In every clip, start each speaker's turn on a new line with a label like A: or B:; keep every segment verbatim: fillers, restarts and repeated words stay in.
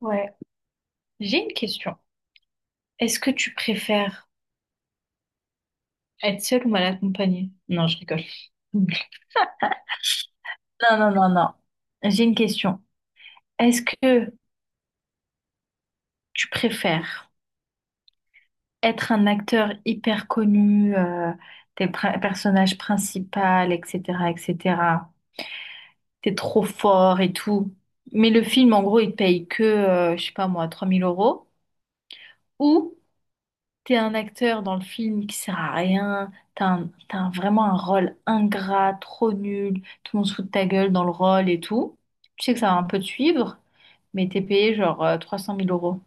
A: Ouais. J'ai une question. Est-ce que tu préfères être seule ou mal accompagnée? Non, je rigole. Non, non, non, non. J'ai une question. Est-ce que tu préfères être un acteur hyper connu, euh, t'es le pri- personnage principal, et cetera, et cetera. T'es trop fort et tout. Mais le film, en gros, il te paye que, euh, je sais pas moi, trois mille euros, ou. T'es un acteur dans le film qui sert à rien, t'as un- t'as un- vraiment un rôle ingrat, trop nul, tout le monde se fout de ta gueule dans le rôle et tout. Tu sais que ça va un peu te suivre, mais t'es payé genre euh, trois cent mille euros.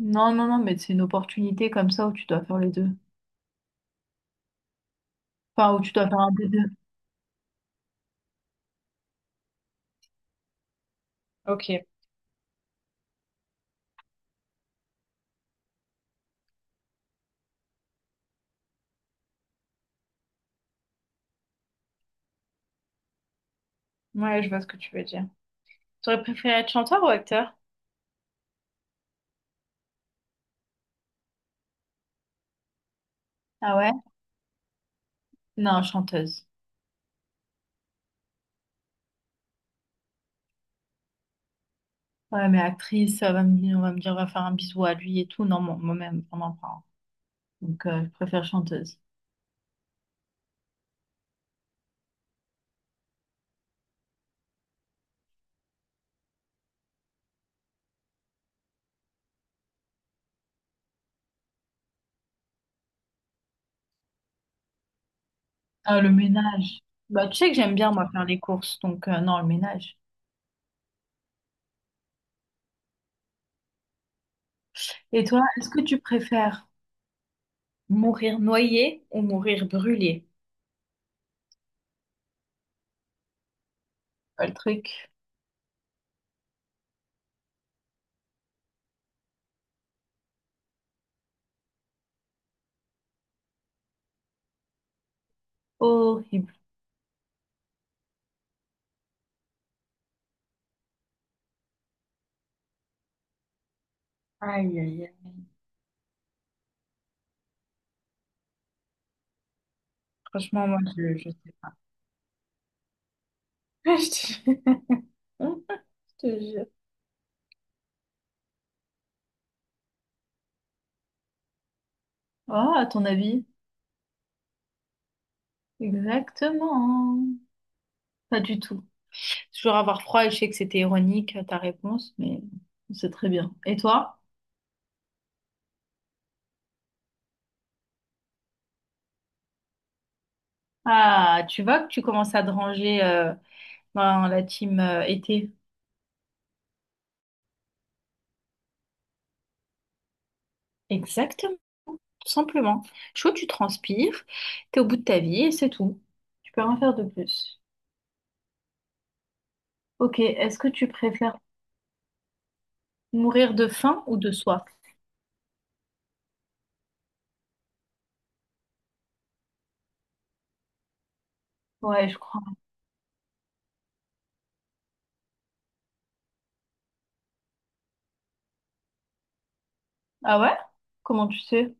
A: Non, non, non, mais c'est une opportunité comme ça où tu dois faire les deux. Enfin, où tu dois faire un des deux. Ok, ouais, je vois ce que tu veux dire. T'aurais préféré être chanteur ou acteur? Ah ouais? Non, chanteuse. Ouais, mais actrice, on va me dire, on va me dire, on va faire un bisou à lui et tout. Non, moi- moi-même, on en prend. Donc, euh, je préfère chanteuse. Ah, le ménage. Bah, tu sais que j'aime bien, moi, faire les courses, donc euh, non, le ménage. Et toi, est-ce que tu préfères mourir noyé ou mourir brûlé? Ah, Le truc horrible. Aïe, aïe, aïe. Franchement, moi, je, je sais pas. Je te jure. Je te jure. Oh, à ton avis? Exactement. Pas du tout. Toujours avoir froid et je sais que c'était ironique, euh, ta réponse, mais c'est très bien. Et toi? Ah, tu vois que tu commences à te ranger euh, dans la team euh, été. Exactement, tout simplement. Chaud, tu transpires, t'es au bout de ta vie et c'est tout. Tu peux rien faire de plus. Ok, est-ce que tu préfères... Mourir de faim ou de soif? Ouais, je crois. Ah ouais? Comment tu sais?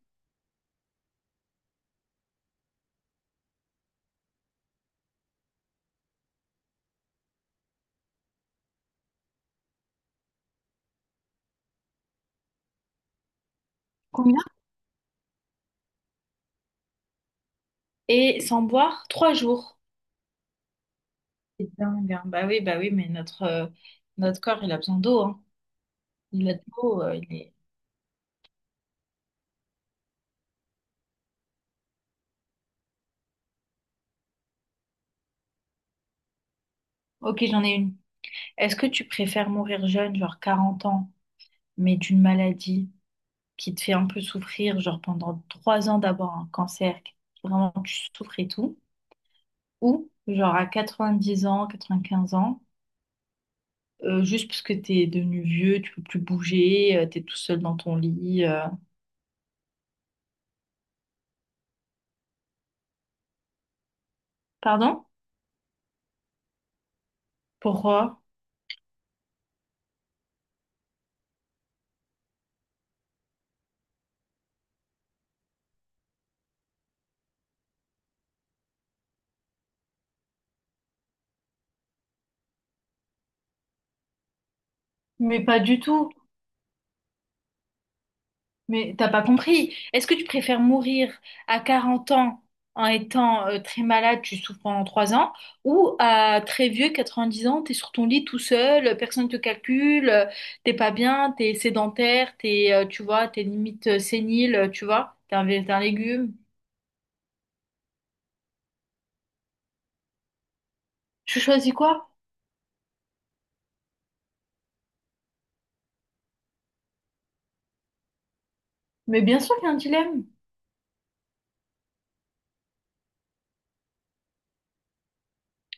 A: Combien? Et sans boire, trois jours. C'est dingue, hein. Bah oui, bah oui, mais notre, euh, notre corps, il a besoin d'eau, hein. Il a de l'eau, euh, il est... Ok, j'en ai une. Est-ce que tu préfères mourir jeune, genre quarante ans, mais d'une maladie? qui te fait un peu souffrir, genre pendant trois ans d'avoir un cancer, vraiment tu souffres et tout, ou genre à quatre-vingt-dix ans, quatre-vingt-quinze ans, euh, juste parce que t'es devenu vieux, tu peux plus bouger, euh, t'es tout seul dans ton lit. euh. Pardon? Pourquoi? Mais pas du tout. Mais t'as pas compris. Est-ce que tu préfères mourir à quarante ans en étant euh, très malade, tu souffres pendant trois ans, ou à très vieux, quatre-vingt-dix ans, t'es sur ton lit tout seul, personne te calcule, euh, t'es pas bien, t'es sédentaire, t'es, euh, tu vois, t'es limite euh, sénile, euh, tu vois, t'es un, vé- t'es un légume. Je choisis quoi? Mais bien sûr qu'il y a un dilemme.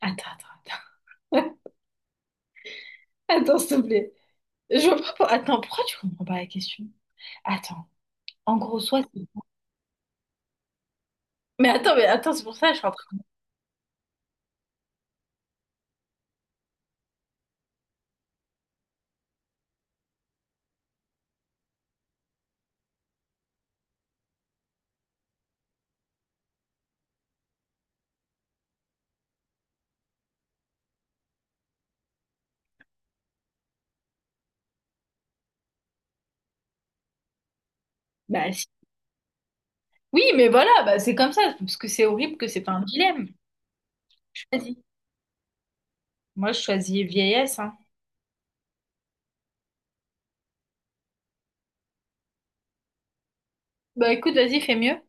A: Attends, attends, attends. Attends, s'il te plaît. Je vois pas- Attends, pourquoi tu comprends pas la question? Attends. En gros, soit c'est... Mais attends, mais attends, c'est pour ça que je suis en train... Bah, Oui, mais voilà, bah, c'est comme ça, parce que c'est horrible que c'est pas un dilemme. Tu choisis. Moi, je choisis vieillesse, hein. Bah écoute, vas-y, fais mieux.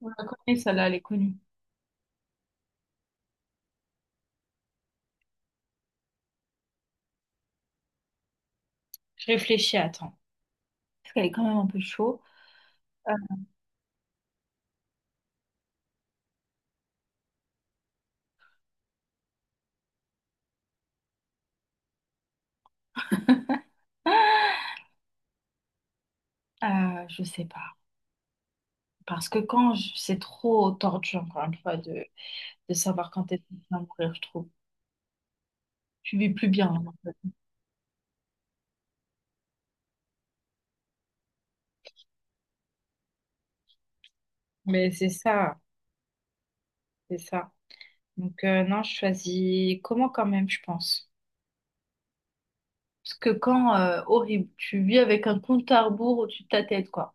A: On la connaît, celle-là, elle est connue. Je réfléchis, attends. Parce qu'elle est quand même un peu chaud. Euh, euh, je sais pas. Parce que quand je- c'est trop tordu, encore une fois, de, de savoir quand est-ce que tu vas mourir, je trouve. Tu vis plus bien, en fait. Mais c'est ça, c'est ça. Donc euh, non, je choisis comment quand même, je pense. Parce que quand, euh, horrible, tu vis avec un compte à rebours au-dessus de ta tête, quoi.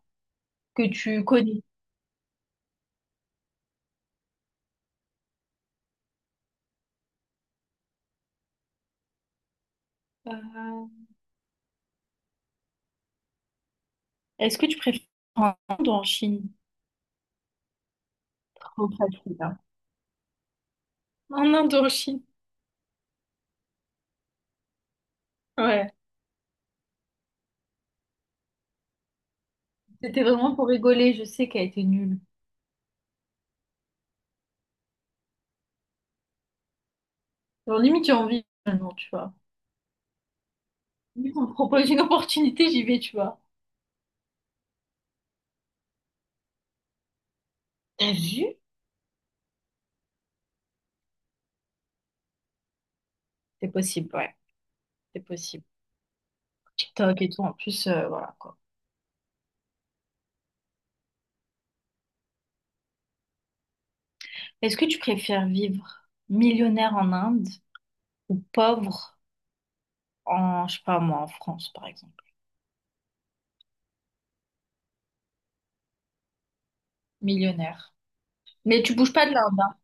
A: Que tu connais. Euh, Est-ce que tu préfères en Inde ou en Chine? Trop facile, hein. En Inde ou en Chine? Ouais. C'était vraiment pour rigoler, je sais qu'elle était nulle. Genre, limite, j'ai envie maintenant, tu vois. Limite, on me propose une opportunité, j'y vais, tu vois. T'as vu? C'est possible, ouais. C'est possible. TikTok et tout, en plus, euh, voilà, quoi. Est-ce que tu préfères vivre millionnaire en Inde ou pauvre en, je sais pas moi, en France, par exemple? Millionnaire. Mais tu bouges pas de l'Inde, hein?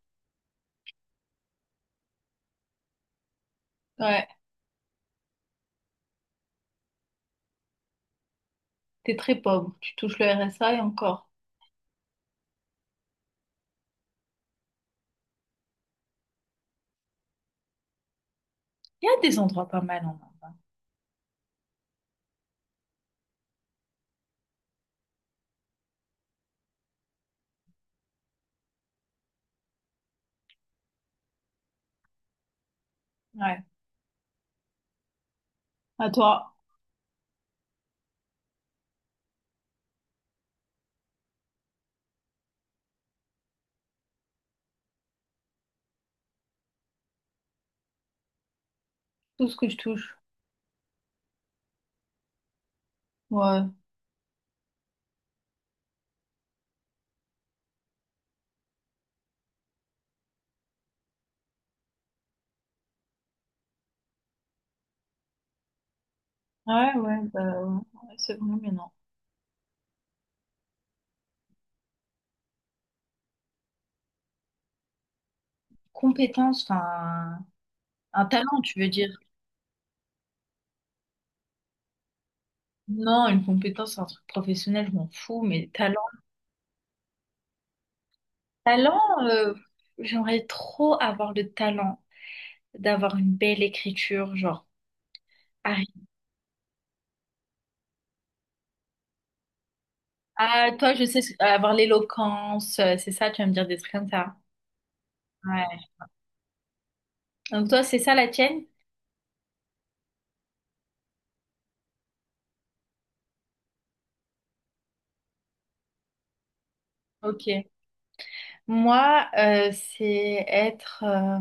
A: Ouais, t'es très pauvre, tu touches le R S A et encore. Il y a des endroits pas mal en Inde. hein. Ouais. À toi, tout ce que je touche. Ouais, ouais, ouais, bah, ouais, c'est vraiment bien, non. Compétence, enfin, un talent, tu veux dire. Non, une compétence, c'est un truc professionnel, je m'en fous, mais talent. Talent, euh, j'aimerais trop avoir le talent d'avoir une belle écriture, genre. arri- Ah, toi, je sais, ce- avoir l'éloquence, euh, c'est ça, tu vas me dire des trucs comme ça. Ouais. Donc toi, c'est ça la tienne? Ok. Moi, euh, c'est être... euh,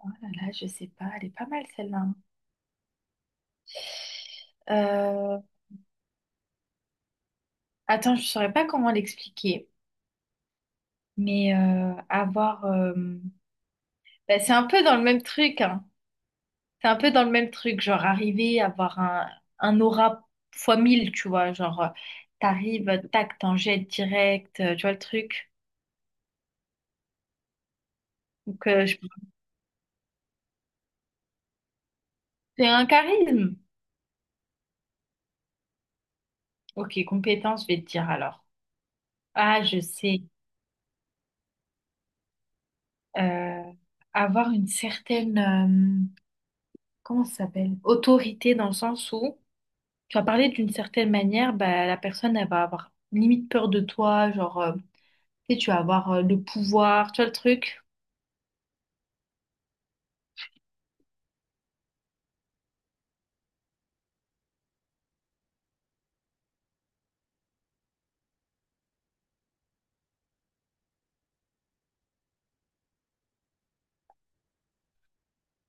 A: Oh là là, je sais pas, elle est pas mal celle-là. Euh, attends, je saurais pas comment l'expliquer, mais euh, avoir, euh, bah, c'est un peu dans le même truc, hein. C'est un peu dans le même truc, genre arriver à avoir un, un, aura fois mille, tu vois, genre euh, t'arrives, tac, t'en jettes direct, euh, tu vois le truc. Donc euh, je- c'est un charisme. Ok, compétence, je vais te dire alors. Ah, je sais. Euh, avoir une certaine, euh, comment ça s'appelle? Autorité dans le sens où Tu vas parler d'une certaine manière, bah, la personne, elle va avoir limite peur de toi, genre, euh, tu sais, tu vas avoir euh, le pouvoir, tu vois le truc?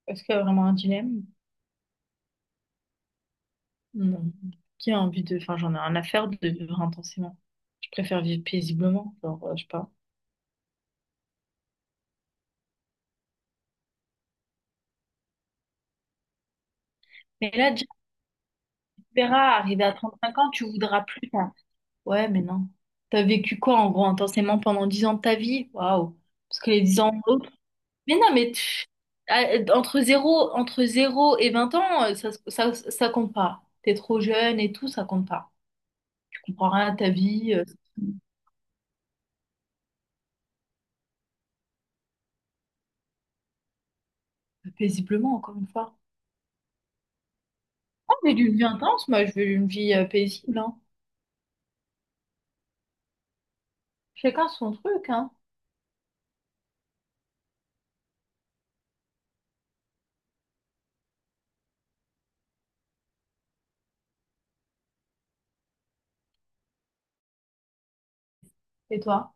A: Est-ce qu'il y a vraiment un dilemme? Non. Qui a envie de... Enfin, j'en ai rien à faire de vivre intensément. Je préfère vivre paisiblement, genre, euh, je sais pas. Mais là, déjà, tu verras, arrivé à trente-cinq ans, tu voudras plus. hein. Ouais, mais non. T'as vécu quoi, en gros, intensément pendant dix ans de ta vie? Waouh. Parce que les dix ans, Mais non, mais tu- ah, entre zéro entre zéro et vingt ans, euh, ça, ça, ça compte pas. T'es trop jeune et tout, ça compte pas. Tu comprends rien à ta vie, euh, paisiblement, encore une fois. Moi, j'ai une vie intense, moi, je veux une vie euh, paisible, hein. Chacun son truc, hein. Et toi?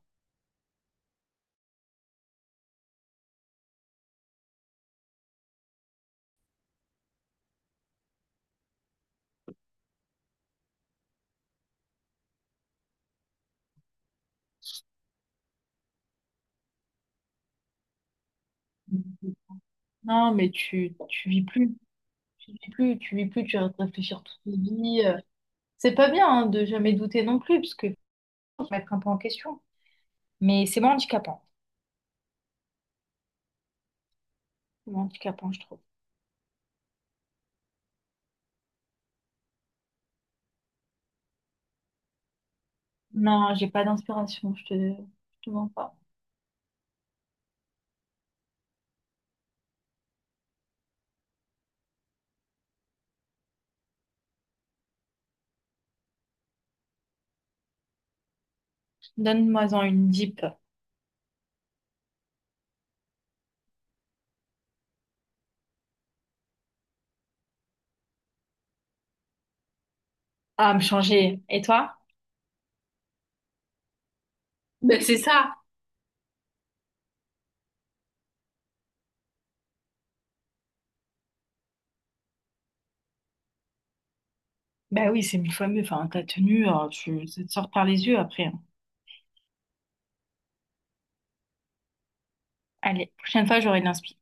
A: Non, mais tu, tu vis plus. Tu vis plus, tu vis plus, tu vas réfléchir toute ta vie. euh. C'est pas bien, hein, de jamais douter non plus, parce que faut se mettre un peu en question. Mais c'est moins handicapant. C'est moins handicapant, je trouve. Non, j'ai pas d'inspiration, je te, je te mens pas. Donne-moi-en une deep. Ah, me changer. Et toi? Ben, c'est ça. Bah oui, c'est mille fois mieux. Enfin, ta tenue, euh, tu, ça te sort par les yeux après. hein. Allez, prochaine fois, j'aurai de l'inspiration.